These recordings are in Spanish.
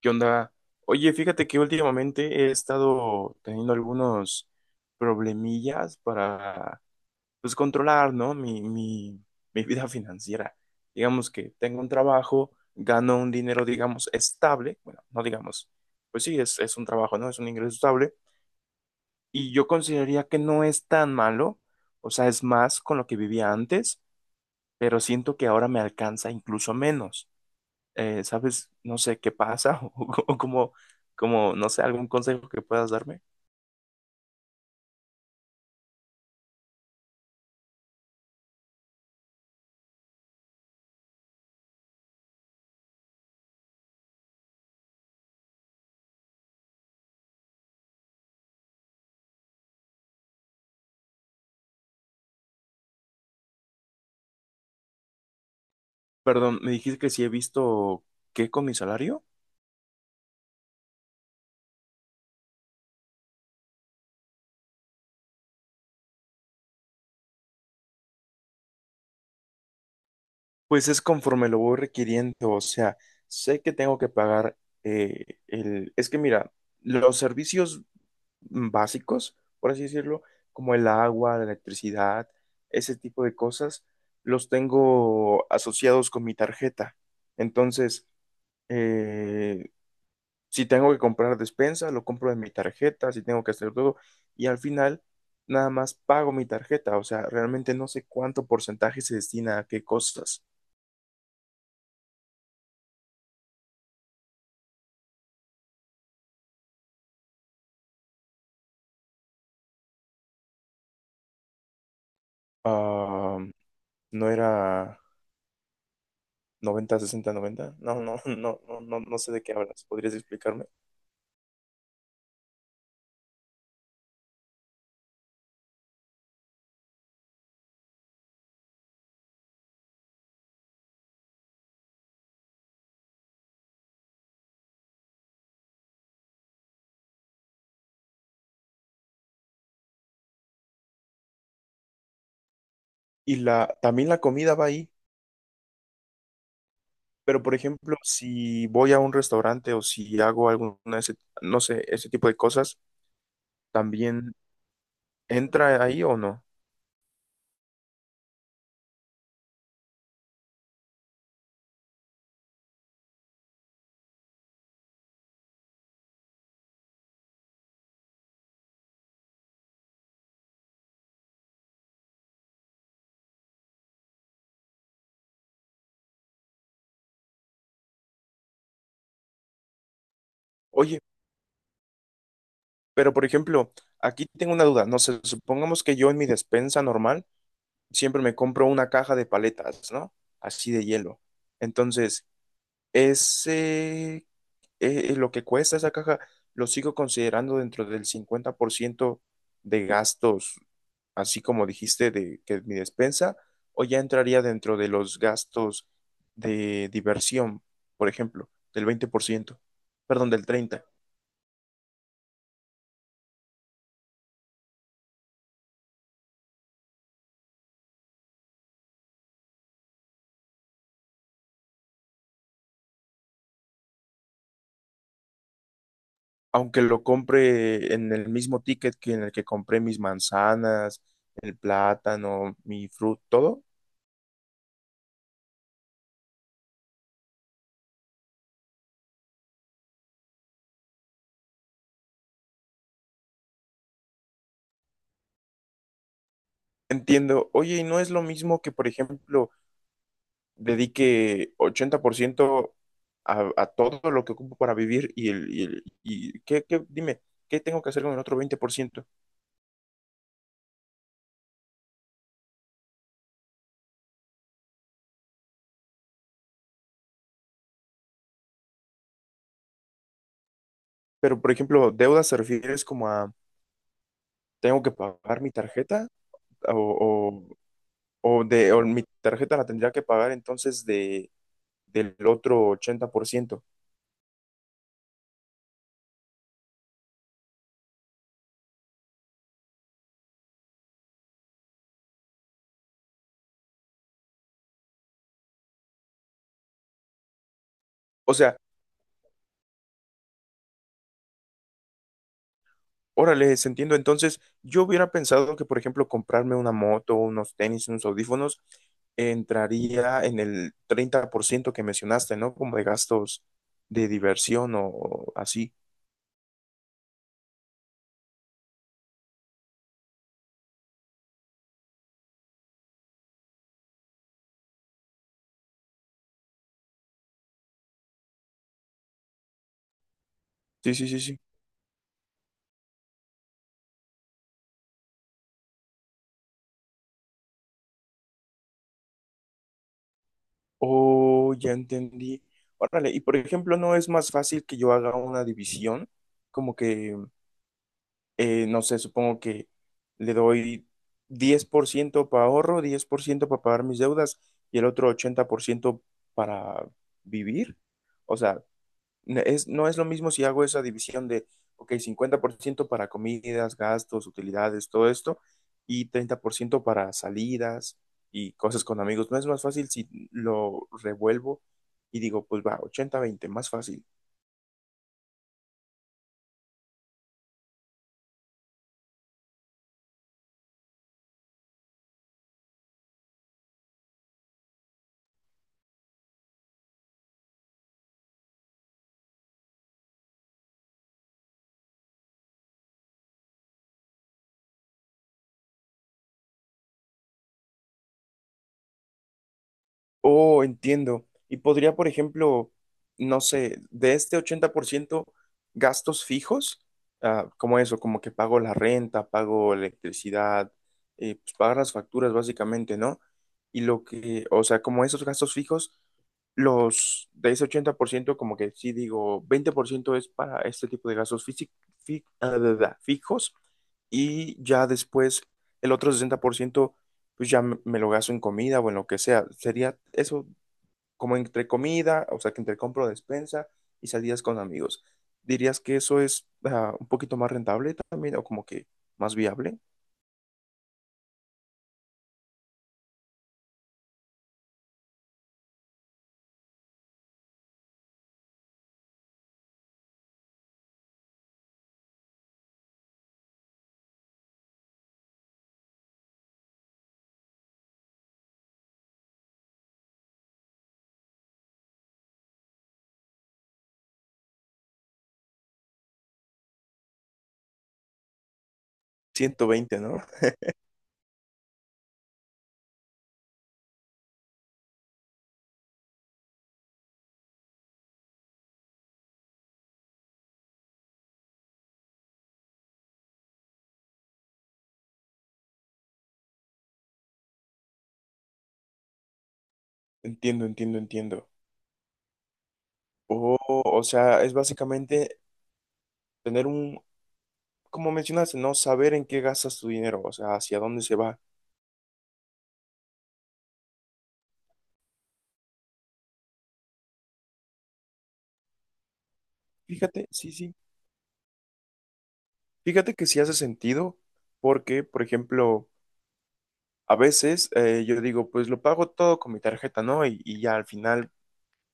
¿Qué onda? Oye, fíjate que últimamente he estado teniendo algunos problemillas para, pues, controlar, ¿no? Mi vida financiera. Digamos que tengo un trabajo, gano un dinero, digamos, estable. Bueno, no digamos, pues sí, es un trabajo, ¿no? Es un ingreso estable. Y yo consideraría que no es tan malo, o sea, es más con lo que vivía antes, pero siento que ahora me alcanza incluso menos, ¿sabes? No sé qué pasa o como, no sé, algún consejo que puedas darme. Perdón, me dijiste que si he visto qué con mi salario. Pues es conforme lo voy requiriendo, o sea, sé que tengo que pagar, el... Es que mira, los servicios básicos, por así decirlo, como el agua, la electricidad, ese tipo de cosas, los tengo asociados con mi tarjeta. Entonces, eh, si tengo que comprar despensa, lo compro de mi tarjeta, si tengo que hacer todo, y al final nada más pago mi tarjeta, o sea, realmente no sé cuánto porcentaje se destina a qué cosas. Ah, no era 90-60-90. No, no, no, no, no, no sé de qué hablas. ¿Podrías explicarme? Y la, también la comida va ahí, pero por ejemplo, si voy a un restaurante o si hago alguna, no sé, ese tipo de cosas, ¿también entra ahí o no? Oye, pero, por ejemplo, aquí tengo una duda. No sé, supongamos que yo en mi despensa normal siempre me compro una caja de paletas, ¿no? Así de hielo. Entonces, ese, lo que cuesta esa caja, lo sigo considerando dentro del 50% de gastos, así como dijiste, de que es mi despensa, o ya entraría dentro de los gastos de diversión, por ejemplo, del 20%. Perdón, del treinta. Aunque lo compre en el mismo ticket que en el que compré mis manzanas, el plátano, mi fruta, todo, entiendo. Oye, y no es lo mismo que, por ejemplo, dedique 80% a todo lo que ocupo para vivir y el y ¿qué, dime, ¿qué tengo que hacer con el otro 20%? Pero, por ejemplo, deudas se refieres como a, ¿tengo que pagar mi tarjeta? O, o, o mi tarjeta la tendría que pagar entonces de del otro 80%. O sea, órale, les entiendo. Entonces, yo hubiera pensado que, por ejemplo, comprarme una moto, unos tenis, unos audífonos, entraría en el 30% que mencionaste, ¿no? Como de gastos de diversión o así. Sí, sí, sí, sí. Oh, ya entendí. Órale, y por ejemplo, ¿no es más fácil que yo haga una división? Como que, no sé, supongo que le doy 10% para ahorro, 10% para pagar mis deudas y el otro 80% para vivir. O sea, no es lo mismo si hago esa división de, ok, 50% para comidas, gastos, utilidades, todo esto, y 30% para salidas y cosas con amigos. ¿No es más fácil si lo revuelvo y digo, pues va, 80-20, más fácil? Oh, entiendo. Y podría, por ejemplo, no sé, de este 80% gastos fijos, ah, como eso, como que pago la renta, pago electricidad, pues pagar las facturas básicamente, ¿no? Y lo que, o sea, como esos gastos fijos, los de ese 80%, como que sí digo, 20% es para este tipo de gastos ah, da, da, da, fijos, y ya después el otro 60% pues ya me lo gasto en comida o en lo que sea. Sería eso como entre comida, o sea, que entre compro despensa y salidas con amigos. ¿Dirías que eso es, ah, un poquito más rentable también o como que más viable? 120, ¿no? Entiendo, entiendo, entiendo. O, o sea, es básicamente tener un, como mencionaste, no saber en qué gastas tu dinero, o sea, hacia dónde se va. Fíjate, sí, sí. Fíjate que sí hace sentido porque, por ejemplo, a veces, yo digo, pues lo pago todo con mi tarjeta, ¿no? Y ya al final,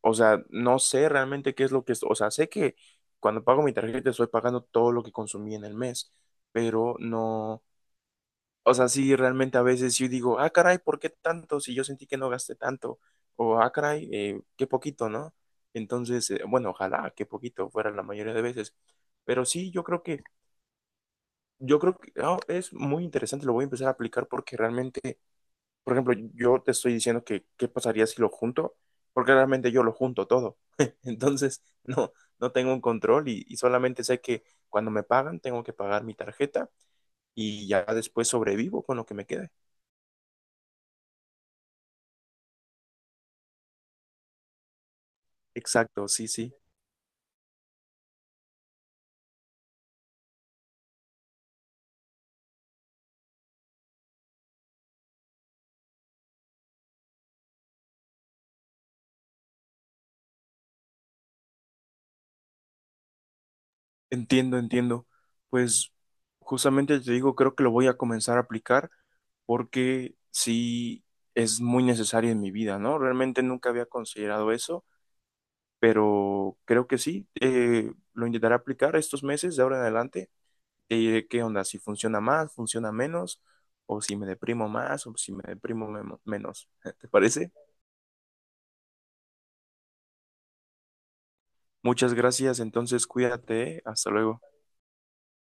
o sea, no sé realmente qué es lo que es, o sea, sé que cuando pago mi tarjeta estoy pagando todo lo que consumí en el mes, pero no, o sea, sí, realmente a veces yo digo, ah, caray, ¿por qué tanto? Si yo sentí que no gasté tanto, o ah, caray, qué poquito, ¿no? Entonces, bueno, ojalá que poquito fuera la mayoría de veces, pero sí, yo creo que, ah, es muy interesante, lo voy a empezar a aplicar porque realmente... Por ejemplo, yo te estoy diciendo que qué pasaría si lo junto, porque realmente yo lo junto todo. Entonces, no, no tengo un control y solamente sé que cuando me pagan tengo que pagar mi tarjeta y ya después sobrevivo con lo que me quede. Exacto, sí, sí. Entiendo, entiendo. Pues justamente te digo, creo que lo voy a comenzar a aplicar porque sí es muy necesario en mi vida, ¿no? Realmente nunca había considerado eso, pero creo que sí, lo intentaré aplicar estos meses de ahora en adelante y diré qué onda, si funciona más, funciona menos, o si me deprimo más, o si me deprimo menos. ¿Te parece? Muchas gracias, entonces cuídate, ¿eh? Hasta luego.